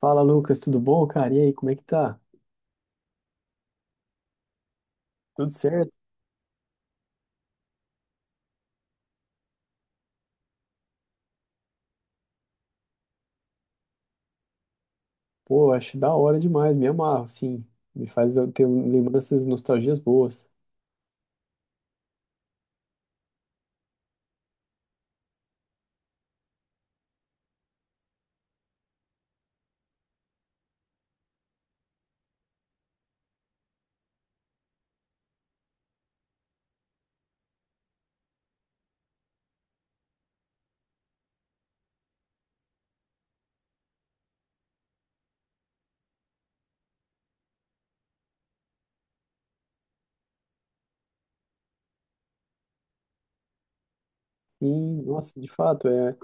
Fala, Lucas, tudo bom, cara? E aí, como é que tá? Tudo certo? Pô, acho da hora demais, me amarro, sim. Me faz eu ter lembranças e nostalgias boas. E, nossa, de fato,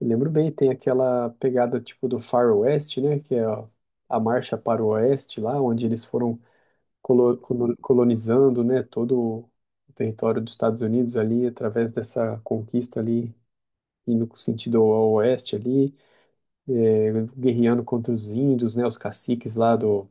eu lembro bem, tem aquela pegada tipo do Far West, né? Que é a marcha para o Oeste lá, onde eles foram colonizando, né? Todo o território dos Estados Unidos ali, através dessa conquista ali, indo sentido ao Oeste ali, é, guerreando contra os índios, né? Os caciques lá do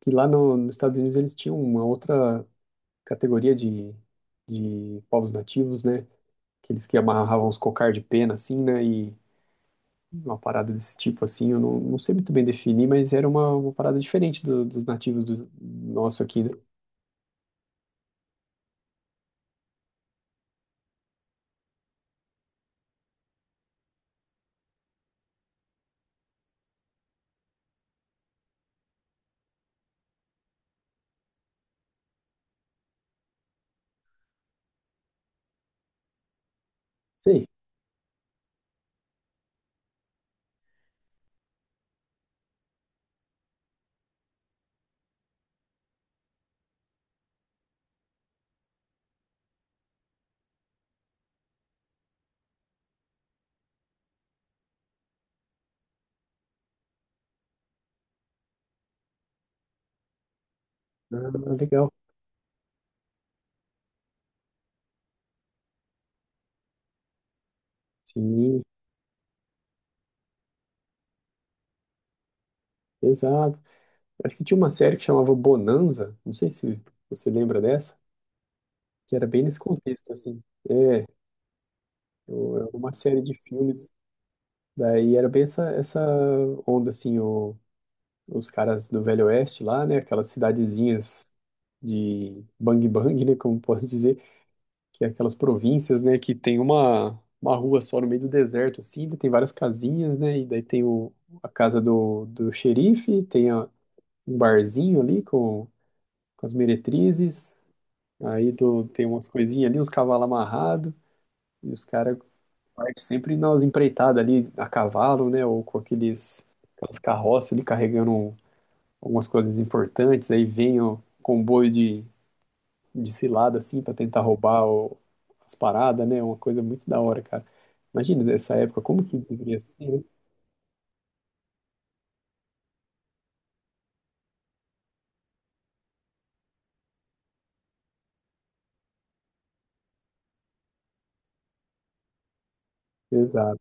que lá no, nos Estados Unidos eles tinham uma outra categoria de povos nativos, né? Aqueles que amarravam os cocar de pena, assim, né? E uma parada desse tipo, assim, eu não sei muito bem definir, mas era uma parada diferente dos nativos do nosso aqui, né? Sei. Ah, legal. Sim, exato. Acho que tinha uma série que chamava Bonanza, não sei se você lembra dessa, que era bem nesse contexto, assim. É, era uma série de filmes, daí era bem essa onda, assim, o os caras do Velho Oeste lá, né? Aquelas cidadezinhas de Bang Bang, né? Como posso dizer, que é aquelas províncias, né? Que tem uma rua só no meio do deserto, assim, daí tem várias casinhas, né? E daí tem a casa do xerife, um barzinho ali com as meretrizes, tem umas coisinhas ali, uns cavalos amarrados, e os caras partem sempre nas empreitadas ali a cavalo, né? Ou com aqueles, aquelas carroças ali carregando algumas coisas importantes, aí vem o comboio de cilada, assim, pra tentar roubar as paradas, né? Uma coisa muito da hora, cara. Imagina nessa época, como que deveria ser, né? Exato.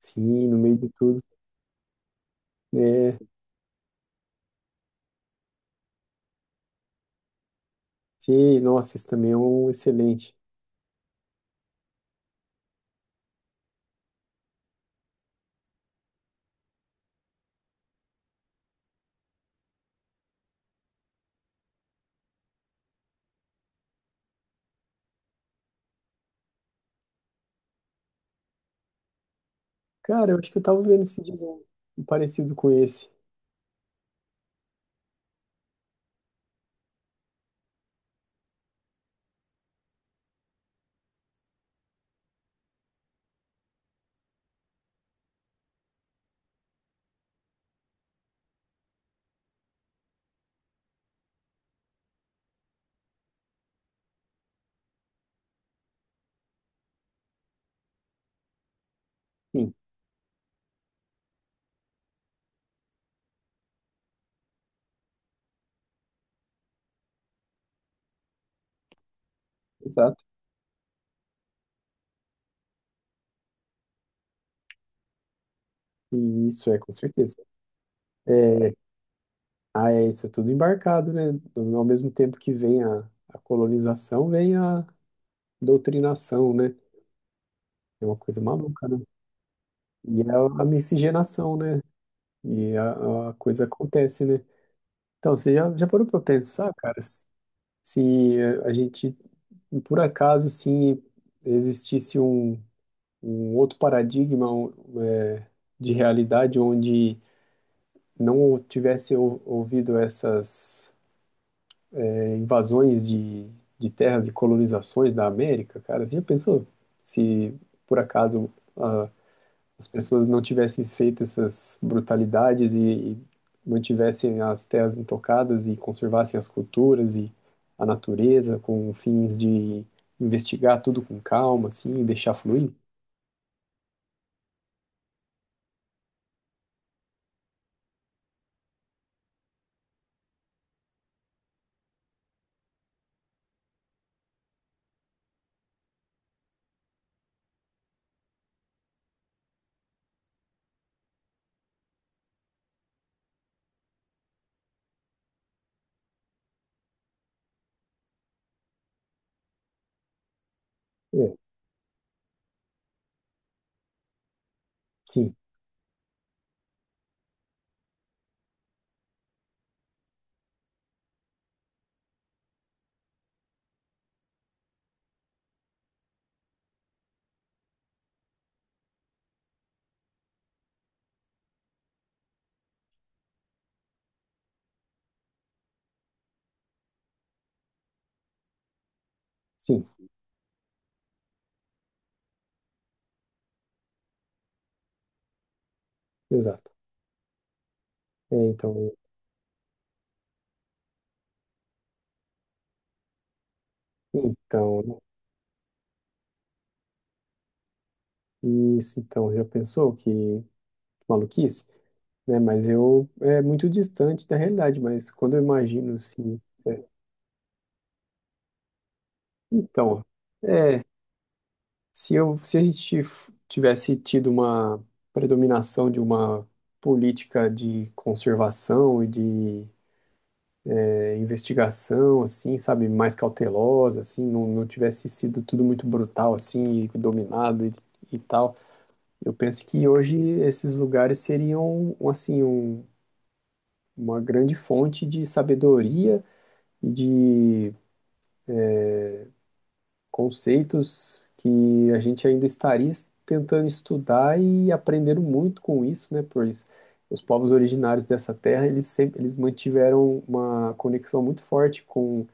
Sim, no meio de tudo. É, sim, nossa, esse também é um excelente. Cara, eu acho que eu tava vendo esses dias um parecido com esse. Sim, exato. E isso é, com certeza. É, ah, é isso, é tudo embarcado, né? Ao mesmo tempo que vem a colonização, vem a doutrinação, né? É uma coisa maluca, né? E é a miscigenação, né? E a coisa acontece, né? Então, você já parou pra pensar, cara, se se a gente, por acaso, se existisse um outro paradigma é, de realidade onde não tivesse ouvido essas invasões de terras e colonizações da América, cara, você já pensou se, por acaso, as pessoas não tivessem feito essas brutalidades e mantivessem as terras intocadas e conservassem as culturas e a natureza com fins de investigar tudo com calma, assim, e deixar fluir? É, sim, sim, exato. É, então, então, isso, então, já pensou que maluquice, né? Mas eu, é muito distante da realidade, mas quando eu imagino, assim, é, então, é, Se eu, se a gente tivesse tido uma predominação de uma política de conservação e de investigação, assim, sabe, mais cautelosa, assim, não tivesse sido tudo muito brutal, assim, e dominado e tal, eu penso que hoje esses lugares seriam, assim, uma grande fonte de sabedoria e de conceitos que a gente ainda estaria tentando estudar e aprendendo muito com isso, né? Pois os povos originários dessa terra, eles sempre eles mantiveram uma conexão muito forte com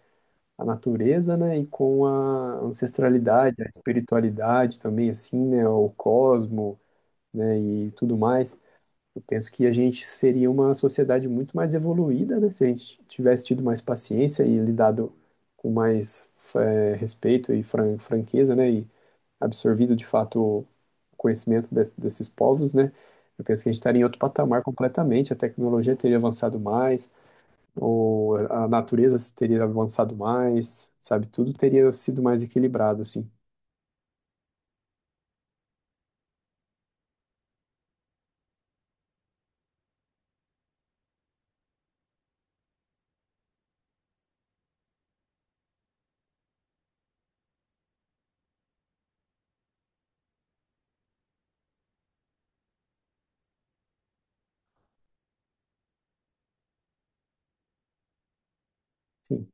a natureza, né? E com a ancestralidade, a espiritualidade também, assim, né? O cosmo, né? E tudo mais. Eu penso que a gente seria uma sociedade muito mais evoluída, né? Se a gente tivesse tido mais paciência e lidado com mais respeito e franqueza, né? E absorvido de fato o conhecimento desses povos, né? Eu penso que a gente estaria em outro patamar completamente. A tecnologia teria avançado mais, ou a natureza teria avançado mais, sabe? Tudo teria sido mais equilibrado, assim. Sim,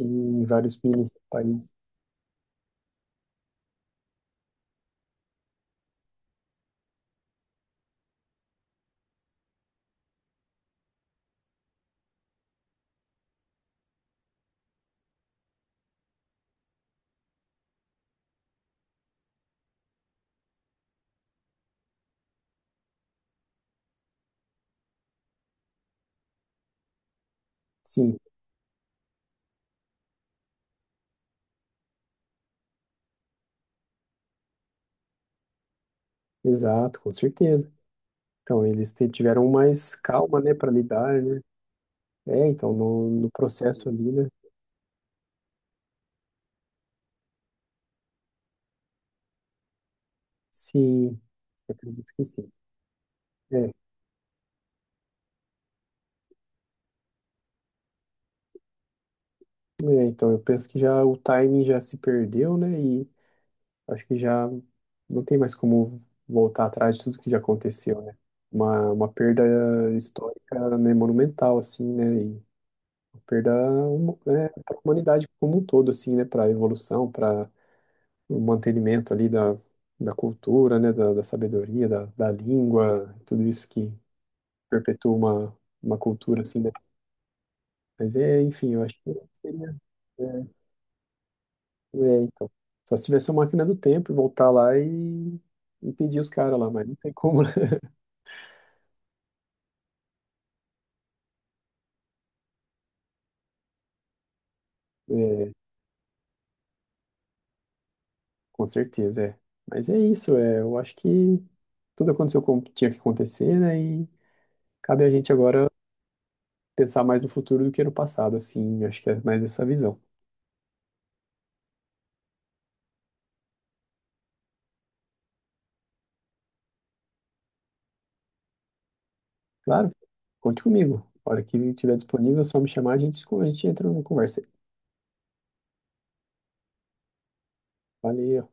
em vários países. Sim, exato, com certeza. Então, eles tiveram mais calma, né, para lidar, né? É, então, no processo ali, né? Sim, eu acredito que sim. É, eu penso que já o timing já se perdeu, né? E acho que já não tem mais como voltar atrás de tudo que já aconteceu, né? Uma perda histórica, né, monumental, assim, né? E uma perda, né, para a humanidade como um todo, assim, né? Para a evolução, para o mantenimento ali da cultura, né, da sabedoria, da língua, tudo isso que perpetua uma cultura assim, né? Mas é, enfim, eu acho que seria, é, é, então. Só se tivesse uma máquina do tempo e voltar lá e pedir os caras lá, mas não tem como, né? É, com certeza, é. Mas é isso, é, eu acho que tudo aconteceu como tinha que acontecer, né? E cabe a gente agora pensar mais no futuro do que no passado, assim, acho que é mais essa visão. Claro, conte comigo. A hora que estiver disponível, é só me chamar, a gente entra numa conversa. Valeu.